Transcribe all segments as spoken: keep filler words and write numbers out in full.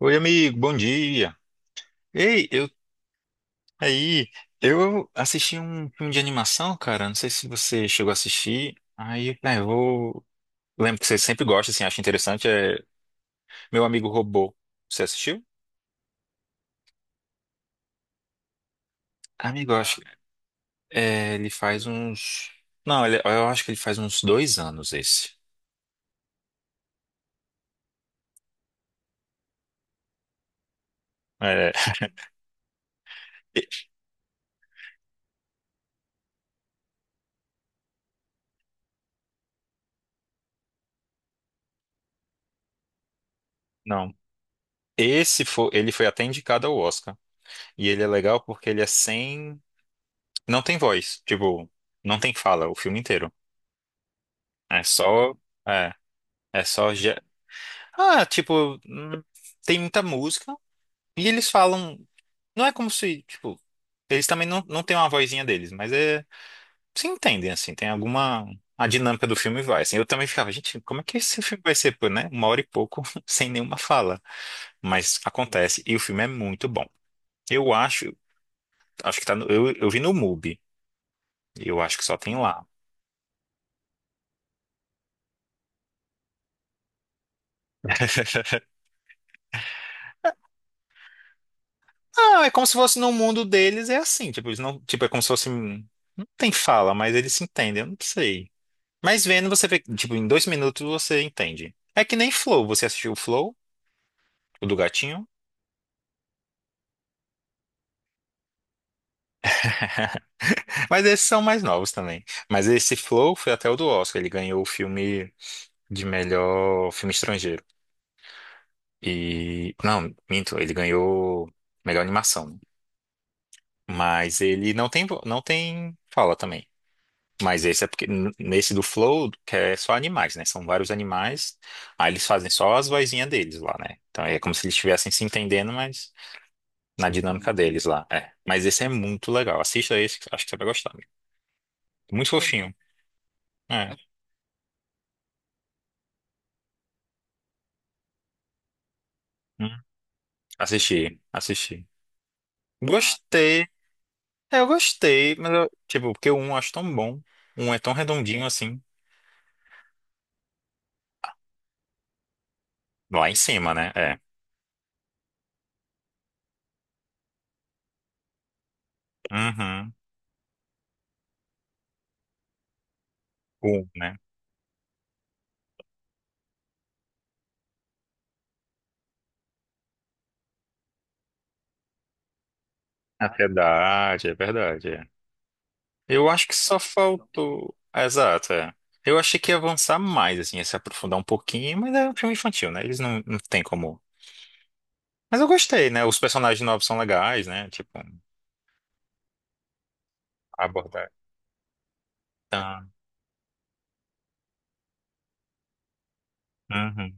Oi, amigo, bom dia. Ei, eu aí, eu assisti um filme de animação, cara. Não sei se você chegou a assistir. Aí, ah, eu vou. Lembro que você sempre gosta, assim, acha interessante. É Meu Amigo Robô. Você assistiu? Amigo, eu acho. É, ele faz uns. Não, ele- eu acho que ele faz uns dois anos esse. É, e- não. Esse foi, ele foi até indicado ao Oscar. E ele é legal porque ele é sem. Não tem voz. Tipo, não tem fala o filme inteiro. É só. é, É só. ge- Ah, tipo, hum, tem muita música. E eles falam. Não é como se, tipo. Eles também não, não têm uma vozinha deles, mas é. Se entendem, assim. Tem alguma. A dinâmica do filme vai, assim. Eu também ficava, gente, como é que esse filme vai ser, pô, né? Uma hora e pouco, sem nenhuma fala. Mas acontece. E o filme é muito bom. Eu acho. Acho que tá no. Eu, eu vi no MUBI. e Eu acho que só tem lá. Ah, é como se fosse no mundo deles, é assim. Tipo, eles não. Tipo, é como se fosse, hum, não tem fala, mas eles se entendem. Eu não sei. Mas vendo, você vê, tipo, em dois minutos você entende. É que nem Flow. Você assistiu o Flow, o do gatinho? Mas esses são mais novos também. Mas esse Flow foi até o do Oscar, ele ganhou o filme de melhor filme estrangeiro. E, não, minto, ele ganhou melhor animação. Mas ele não tem, vo- não tem fala também. Mas esse é porque, n- nesse do Flow, que é só animais, né? São vários animais, aí eles fazem só as vozinhas deles lá, né? Então é como se eles estivessem se entendendo, mas na dinâmica deles lá. É. Mas esse é muito legal. Assista esse, que acho que você vai gostar, amigo. Muito Vou fofinho. É. Hum. Assisti, assisti. Gostei. É, eu gostei, mas eu, tipo, porque o um eu acho tão bom. Um é tão redondinho assim. Lá em cima, né? É. Uhum. Um, né? É verdade, é verdade, é. Eu acho que só faltou. Exato, é. Eu achei que ia avançar mais, assim, ia se aprofundar um pouquinho, mas é um filme infantil, né? Eles não, não têm como Mas eu gostei, né? Os personagens novos são legais, né? Tipo. Abordar. Tá. Uhum.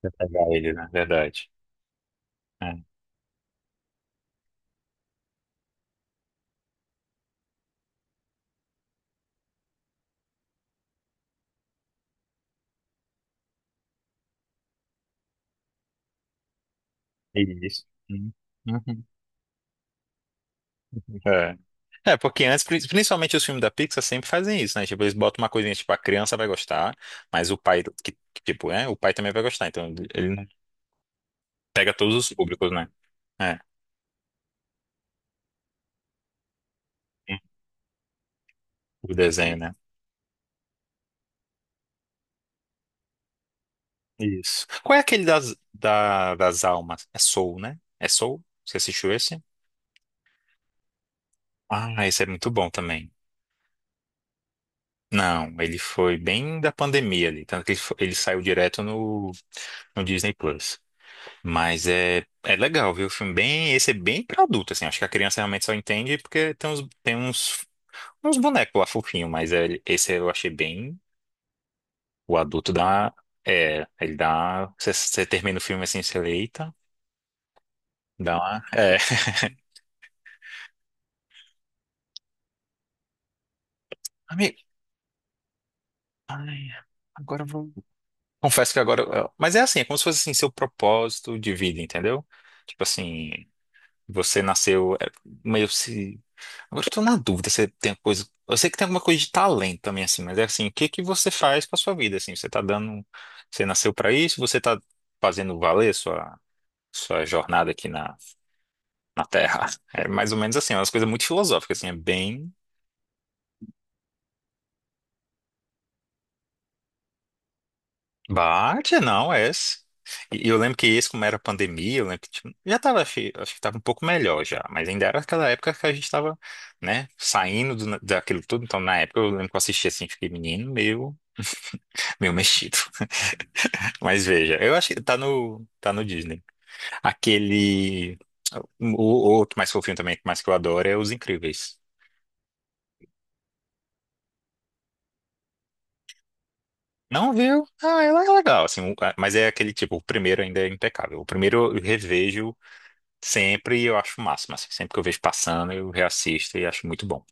Pra pegar ele, né? Verdade. É. Isso. Uhum. Uhum. É. É, porque antes, pri- principalmente os filmes da Pixar sempre fazem isso, né? Tipo, eles botam uma coisinha, tipo, a criança vai gostar, mas o pai, que, que, tipo, é, o pai também vai gostar, então ele não pega todos os públicos, né? É, o desenho, né? Isso. Qual é aquele das, da, das almas? É Soul, né? É Soul? Você assistiu esse? Ah, esse é muito bom também. Não, ele foi bem da pandemia ali, tanto que ele, fo- ele saiu direto no, no Disney Plus. Mas é, é legal, viu? O filme bem, esse é bem pra adulto, assim. Acho que a criança realmente só entende porque tem uns, tem uns, uns bonecos lá fofinhos, mas é- esse eu achei bem. O adulto dá. É, ele dá. Você, você termina o filme assim, você lê, eita, dá uma. É. Amigo, ai, agora eu vou. Confesso que agora. eu- Mas é assim, é como se fosse assim, seu propósito de vida, entendeu? Tipo assim. Você nasceu é, meio se. Agora eu tô na dúvida se tem coisa. Eu sei que tem alguma coisa de talento também, assim, mas é assim, o que que você faz com a sua vida, assim? Você tá dando. Você nasceu pra isso? Você tá fazendo valer sua, sua jornada aqui na, na Terra? É mais ou menos assim, é umas coisas muito filosóficas, assim, é bem. Bate, não, é esse. E e eu lembro que esse, como era pandemia, eu lembro que tipo, já tava, acho, que- acho que tava um pouco melhor já, mas ainda era aquela época que a gente tava, né, saindo do- daquilo tudo, então na época eu lembro que eu assisti assim, fiquei menino, meio, meio mexido. Mas veja, eu acho que tá no, tá no Disney. Aquele, o, o outro mais fofinho também, mais que eu adoro, é Os Incríveis. Não viu? Ah, ela é legal, assim, o- mas é aquele tipo, o primeiro ainda é impecável. O primeiro eu revejo sempre. Eu acho o máximo, assim. Sempre que eu vejo passando, eu reassisto e acho muito bom.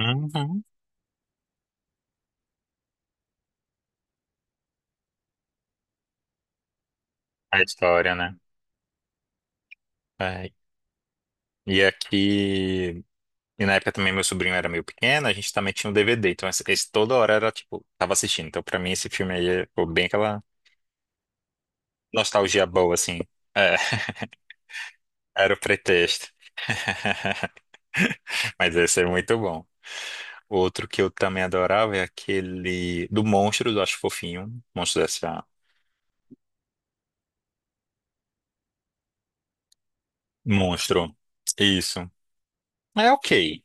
Uhum. A história, né? É. E aqui. E na época também meu sobrinho era meio pequeno, a gente também tinha um D V D. Então esse, esse toda hora era tipo, tava assistindo. Então pra mim esse filme aí ficou bem aquela nostalgia boa, assim. É, era o pretexto. Mas esse é muito bom. Outro que eu também adorava é aquele do Monstro, eu acho fofinho. Monstro dessa. Monstro. Isso. É ok.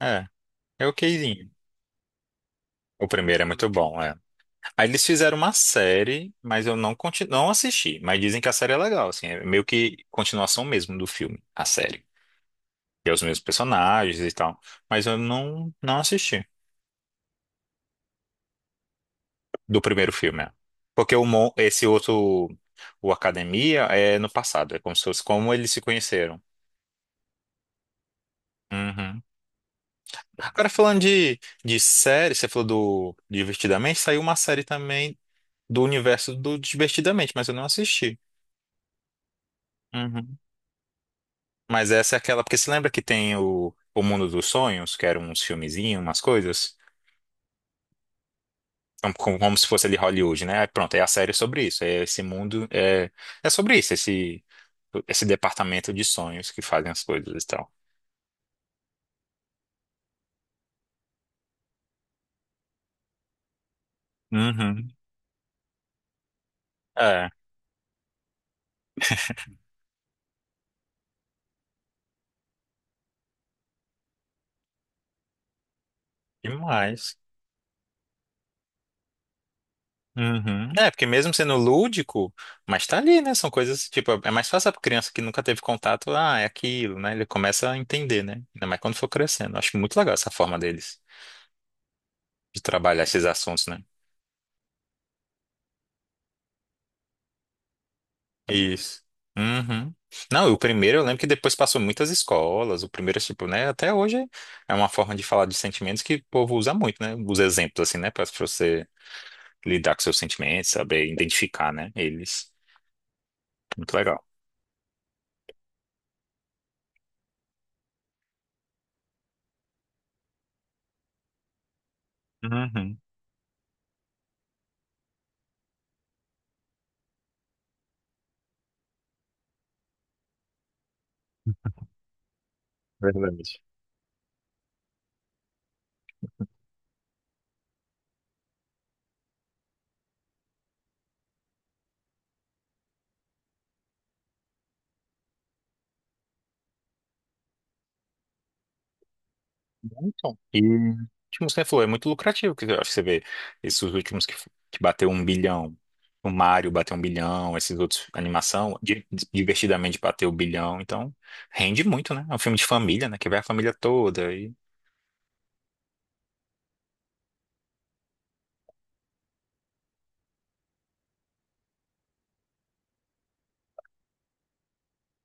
É. É okzinho. O primeiro é muito bom, é. Aí eles fizeram uma série, mas eu não, conti- não assisti. Mas dizem que a série é legal, assim. É meio que continuação mesmo do filme, a série. E é os mesmos personagens e tal. Mas eu não, não assisti do primeiro filme, é. Porque o, mon- esse outro, o Academia, é no passado. É como se fosse como eles se conheceram. Uhum. Agora, falando de, de série, você falou do Divertidamente, saiu uma série também do universo do Divertidamente, mas eu não assisti. Uhum. Mas essa é aquela, porque você lembra que tem o, o Mundo dos Sonhos, que eram uns filmezinhos, umas coisas? Então, como, como se fosse ali Hollywood, né? Aí pronto, é a série sobre isso. É esse mundo, é, é sobre isso, esse, esse departamento de sonhos que fazem as coisas e tal. Uhum. É, demais. Uhum. É, porque mesmo sendo lúdico, mas tá ali, né? São coisas, tipo, é mais fácil pra criança que nunca teve contato, ah, é aquilo, né? Ele começa a entender, né? Ainda mais quando for crescendo. Acho muito legal essa forma deles de trabalhar esses assuntos, né? Isso. Uhum. Não, e o primeiro eu lembro que depois passou muitas escolas. O primeiro, tipo, né? Até hoje é uma forma de falar de sentimentos que o povo usa muito, né? Os exemplos, assim, né? Pra pra você lidar com seus sentimentos, saber identificar, né? Eles. Muito legal. Uhum. Verdade. Então, e tipo, como você falou, é muito lucrativo que você vê esses últimos que, que bateu um bilhão. O Mario bateu um bilhão, esses outros animação, di- divertidamente bateu o bilhão, então rende muito, né? É um filme de família, né? Que vai a família toda. E...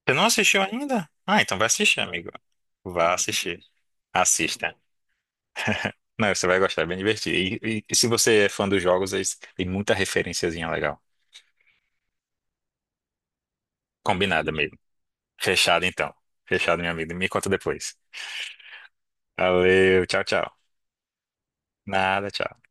Você não assistiu ainda? Ah, então vai assistir, amigo. Vá assistir. Assista. Não, você vai gostar, é bem divertido. E, e- e se você é fã dos jogos, aí tem muita referenciazinha legal. Combinada mesmo. Fechado então. Fechado, meu amigo. Me conta depois. Valeu, tchau, tchau. Nada, tchau.